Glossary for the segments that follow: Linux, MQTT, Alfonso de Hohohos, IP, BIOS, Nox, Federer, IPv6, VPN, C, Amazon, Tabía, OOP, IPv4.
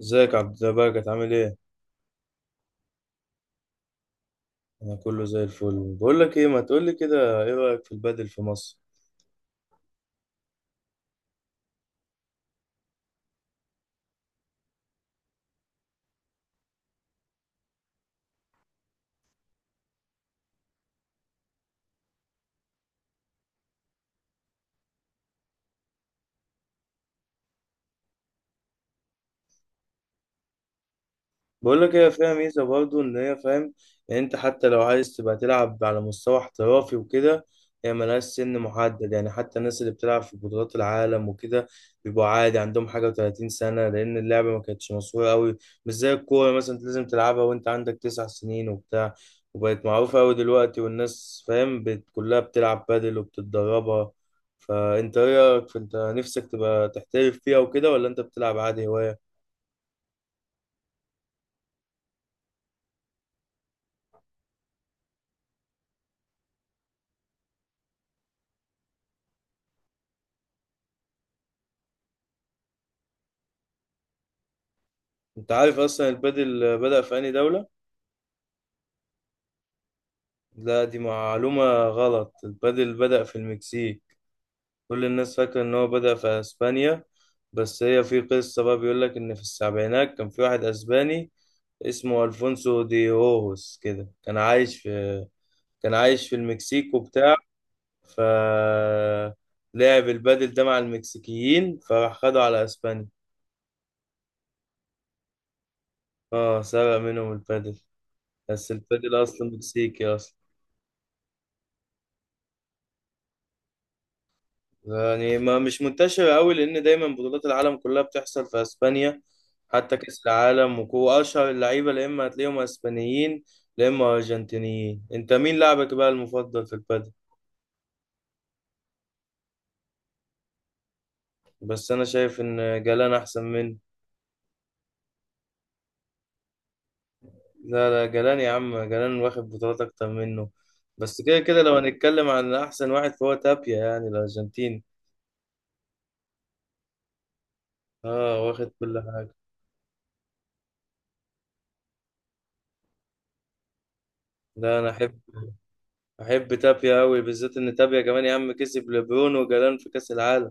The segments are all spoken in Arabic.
ازيك يا عبد الزباق؟ عامل ايه؟ انا كله زي الفل. بقول لك ايه، ما تقول لي كده، ايه رأيك في البادل في مصر؟ بقول لك هي فيها ميزة برضو، إن هي فاهم يعني، أنت حتى لو عايز تبقى تلعب على مستوى احترافي وكده، هي ملهاش سن محدد. يعني حتى الناس اللي بتلعب في بطولات العالم وكده بيبقوا عادي عندهم حاجة و30 سنة، لأن اللعبة ما كانتش مشهورة أوي. مش زي الكورة مثلا، أنت لازم تلعبها وأنت عندك 9 سنين وبتاع. وبقت معروفة أوي دلوقتي والناس فاهم كلها بتلعب بادل وبتتدربها. فأنت إيه رأيك في أنت نفسك تبقى تحترف فيها وكده، ولا أنت بتلعب عادي هواية؟ انت عارف اصلا البادل بدأ في انهي دولة؟ لا، دي معلومة غلط. البادل بدأ في المكسيك. كل الناس فاكرة ان هو بدأ في اسبانيا، بس هي في قصة بقى، بيقول لك ان في السبعينات كان في واحد اسباني اسمه الفونسو دي هوهوس كده، كان عايش في المكسيك وبتاع. ف لعب البادل ده مع المكسيكيين، فراح خدوا على اسبانيا. اه، سرق منهم البادل، بس البادل اصلا مكسيكي اصلا. يعني ما مش منتشرة قوي، لأن دايما بطولات العالم كلها بتحصل في أسبانيا، حتى كأس العالم. وكو أشهر اللعيبة، يا إما هتلاقيهم أسبانيين يا إما أرجنتينيين. أنت مين لاعبك بقى المفضل في البادل؟ بس أنا شايف إن جلان أحسن منه. لا لا، جلان يا عم، جلان واخد بطولات أكتر منه. بس كده كده لو هنتكلم عن أحسن واحد، فهو تابيا يعني الأرجنتيني. آه، واخد كل حاجة. لا، أنا أحب، أحب تابيا أوي، بالذات إن تابيا كمان يا عم كسب لبرون وجلان في كأس العالم.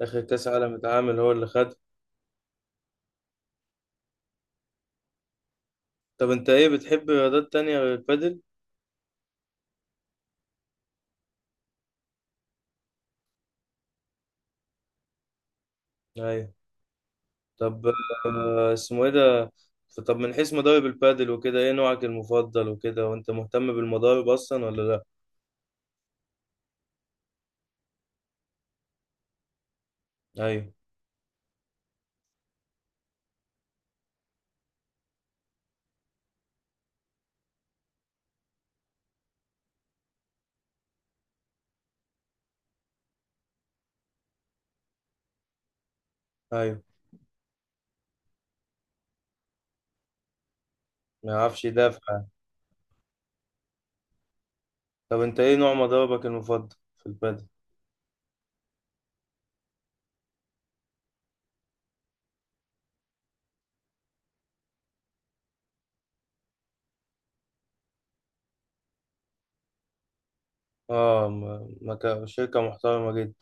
آخر كأس عالم اتعمل هو اللي خد. طب أنت إيه بتحب رياضات تانية غير البادل؟ أيوة. طب اسمه إيه ده؟ طب من حيث مضارب البادل وكده، إيه نوعك المفضل وكده؟ وأنت مهتم بالمضارب أصلا ولا لأ؟ أيوة. أيوة، ما يعرفش يدافع يعني. طب أنت إيه نوع مضاربك المفضل في البادل؟ آه، شركة محترمة جدا.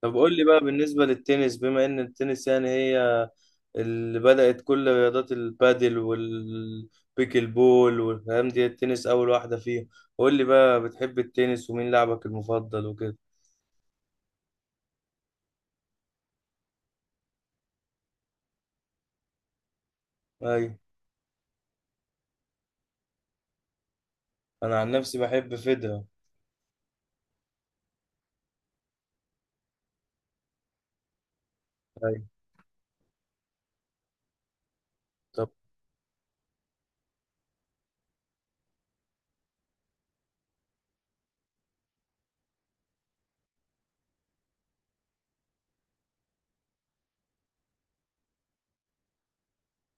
طب قول لي بقى بالنسبة للتنس، بما إن التنس يعني هي اللي بدأت كل رياضات البادل والبيكل بول والكلام دي، التنس أول واحدة فيهم. قول لي بقى، بتحب التنس؟ ومين لاعبك المفضل وكده؟ أيوة. أنا عن نفسي بحب فيدرر. أيوة. طب.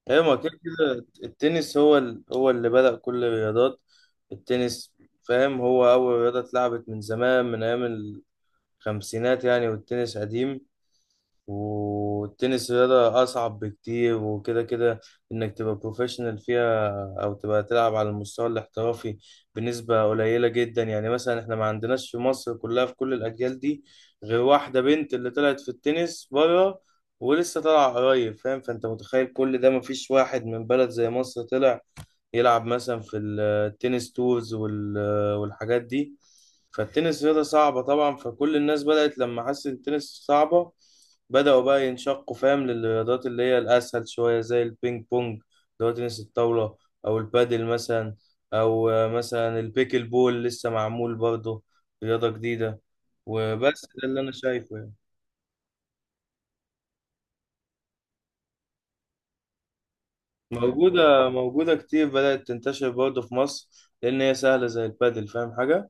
أيوة، ما كده كده التنس هو هو اللي بدأ كل الرياضات. التنس فاهم هو أول رياضة اتلعبت من زمان، من أيام الخمسينات يعني، والتنس قديم. والتنس رياضة أصعب بكتير، وكده كده إنك تبقى بروفيشنال فيها أو تبقى تلعب على المستوى الاحترافي بنسبة قليلة جدا. يعني مثلا إحنا ما عندناش في مصر كلها، في كل الأجيال دي، غير واحدة بنت اللي طلعت في التنس بره، ولسه طالعة قريب فاهم. فأنت متخيل كل ده مفيش واحد من بلد زي مصر طلع يلعب مثلا في التنس تورز والحاجات دي. فالتنس رياضة صعبة طبعا، فكل الناس بدأت لما حست التنس صعبة بدأوا بقى ينشقوا فاهم للرياضات اللي هي الأسهل شوية، زي البينج بونج اللي هو تنس الطاولة، أو البادل مثلا، أو مثلا البيكل بول لسه معمول برضه، رياضة جديدة. وبس ده اللي أنا شايفه يعني. موجودة، موجودة كتير، بدأت تنتشر برضه في مصر، لأن هي سهلة زي البادل. فاهم حاجة؟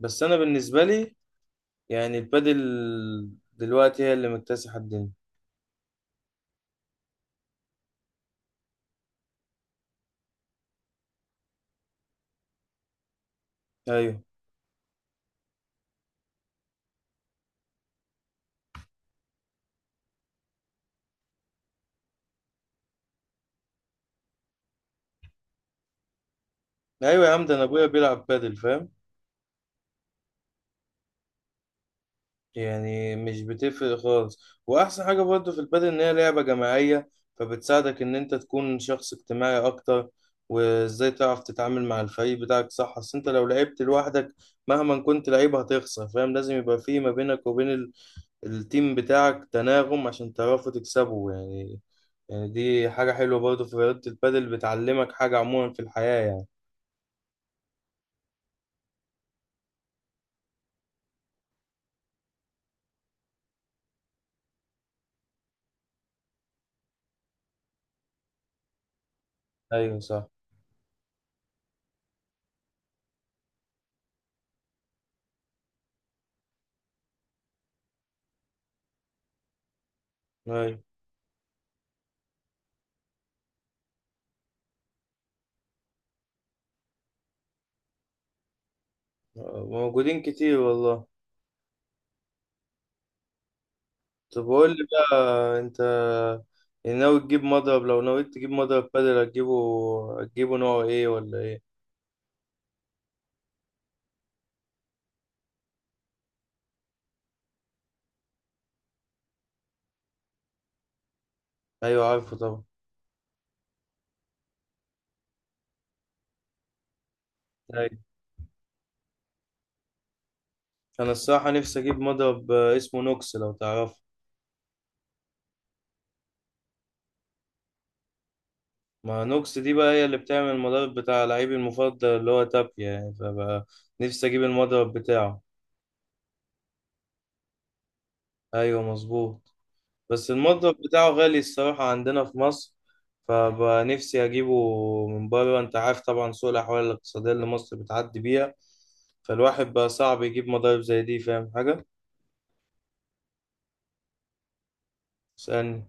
بس أنا بالنسبة لي يعني، البادل دلوقتي هي اللي مكتسحة الدنيا. ايوه. ايوه يا عم، ده انا ابويا بيلعب بادل فاهم، يعني مش بتفرق خالص. واحسن حاجة برضه في البادل ان هي لعبة جماعية، فبتساعدك ان انت تكون شخص اجتماعي اكتر، وازاي تعرف تتعامل مع الفريق بتاعك صح. اصل انت لو لعبت لوحدك مهما كنت لعيب هتخسر فاهم. لازم يبقى في ما بينك وبين التيم بتاعك تناغم، عشان تعرفوا تكسبوا يعني. يعني دي حاجة حلوة برضه في رياضة البادل، بتعلمك حاجة عموما في الحياة يعني. ايوه صح. ايوه موجودين كتير والله. طب قول لي بقى، انت يعني ناوي تجيب مضرب؟ لو نويت تجيب مضرب بادل هتجيبه نوع ايه ولا ايه؟ ايوه، عارفه طبعا. ايوه. انا الصراحه نفسي اجيب مضرب اسمه نوكس، لو تعرفه. ما نوكس دي بقى هي اللي بتعمل المضرب بتاع لعيبي المفضل اللي هو تابيا يعني، فبقى نفسي اجيب المضرب بتاعه. ايوه مظبوط. بس المطبخ بتاعه غالي الصراحة عندنا في مصر، فبقى نفسي أجيبه من بره. أنت عارف طبعا سوء الأحوال الاقتصادية اللي مصر بتعدي بيها، فالواحد بقى صعب يجيب مضارب زي دي. فاهم حاجة؟ اسألني.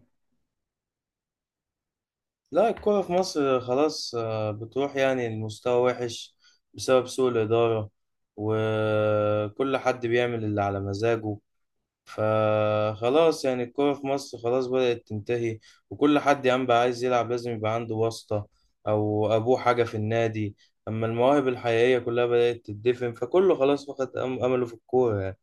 لا، الكورة في مصر خلاص بتروح، يعني المستوى وحش بسبب سوء الإدارة، وكل حد بيعمل اللي على مزاجه. فخلاص يعني الكورة في مصر خلاص بدأت تنتهي. وكل حد يا عم بقى عايز يلعب لازم يبقى عنده واسطة أو أبوه حاجة في النادي. أما المواهب الحقيقية كلها بدأت تدفن، فكله خلاص فقد أمله في الكورة يعني.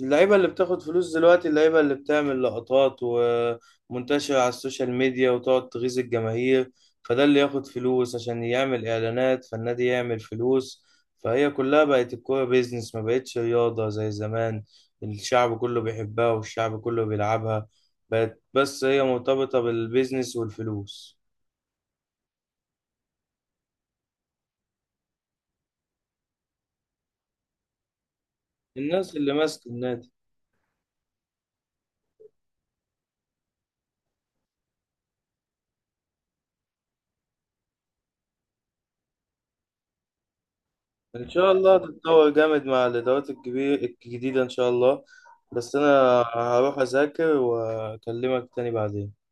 اللعيبة اللي بتاخد فلوس دلوقتي اللعيبة اللي بتعمل لقطات ومنتشرة على السوشيال ميديا وتقعد تغيظ الجماهير، فده اللي ياخد فلوس عشان يعمل إعلانات، فالنادي يعمل فلوس. فهي كلها بقت الكورة بيزنس، ما بقتش رياضة زي زمان الشعب كله بيحبها والشعب كله بيلعبها. بقت بس هي مرتبطة بالبيزنس والفلوس. الناس اللي ماسك النادي، ان شاء الله تتطور جامد مع الادارات الكبير الجديده ان شاء الله. بس انا هروح اذاكر واكلمك تاني بعدين.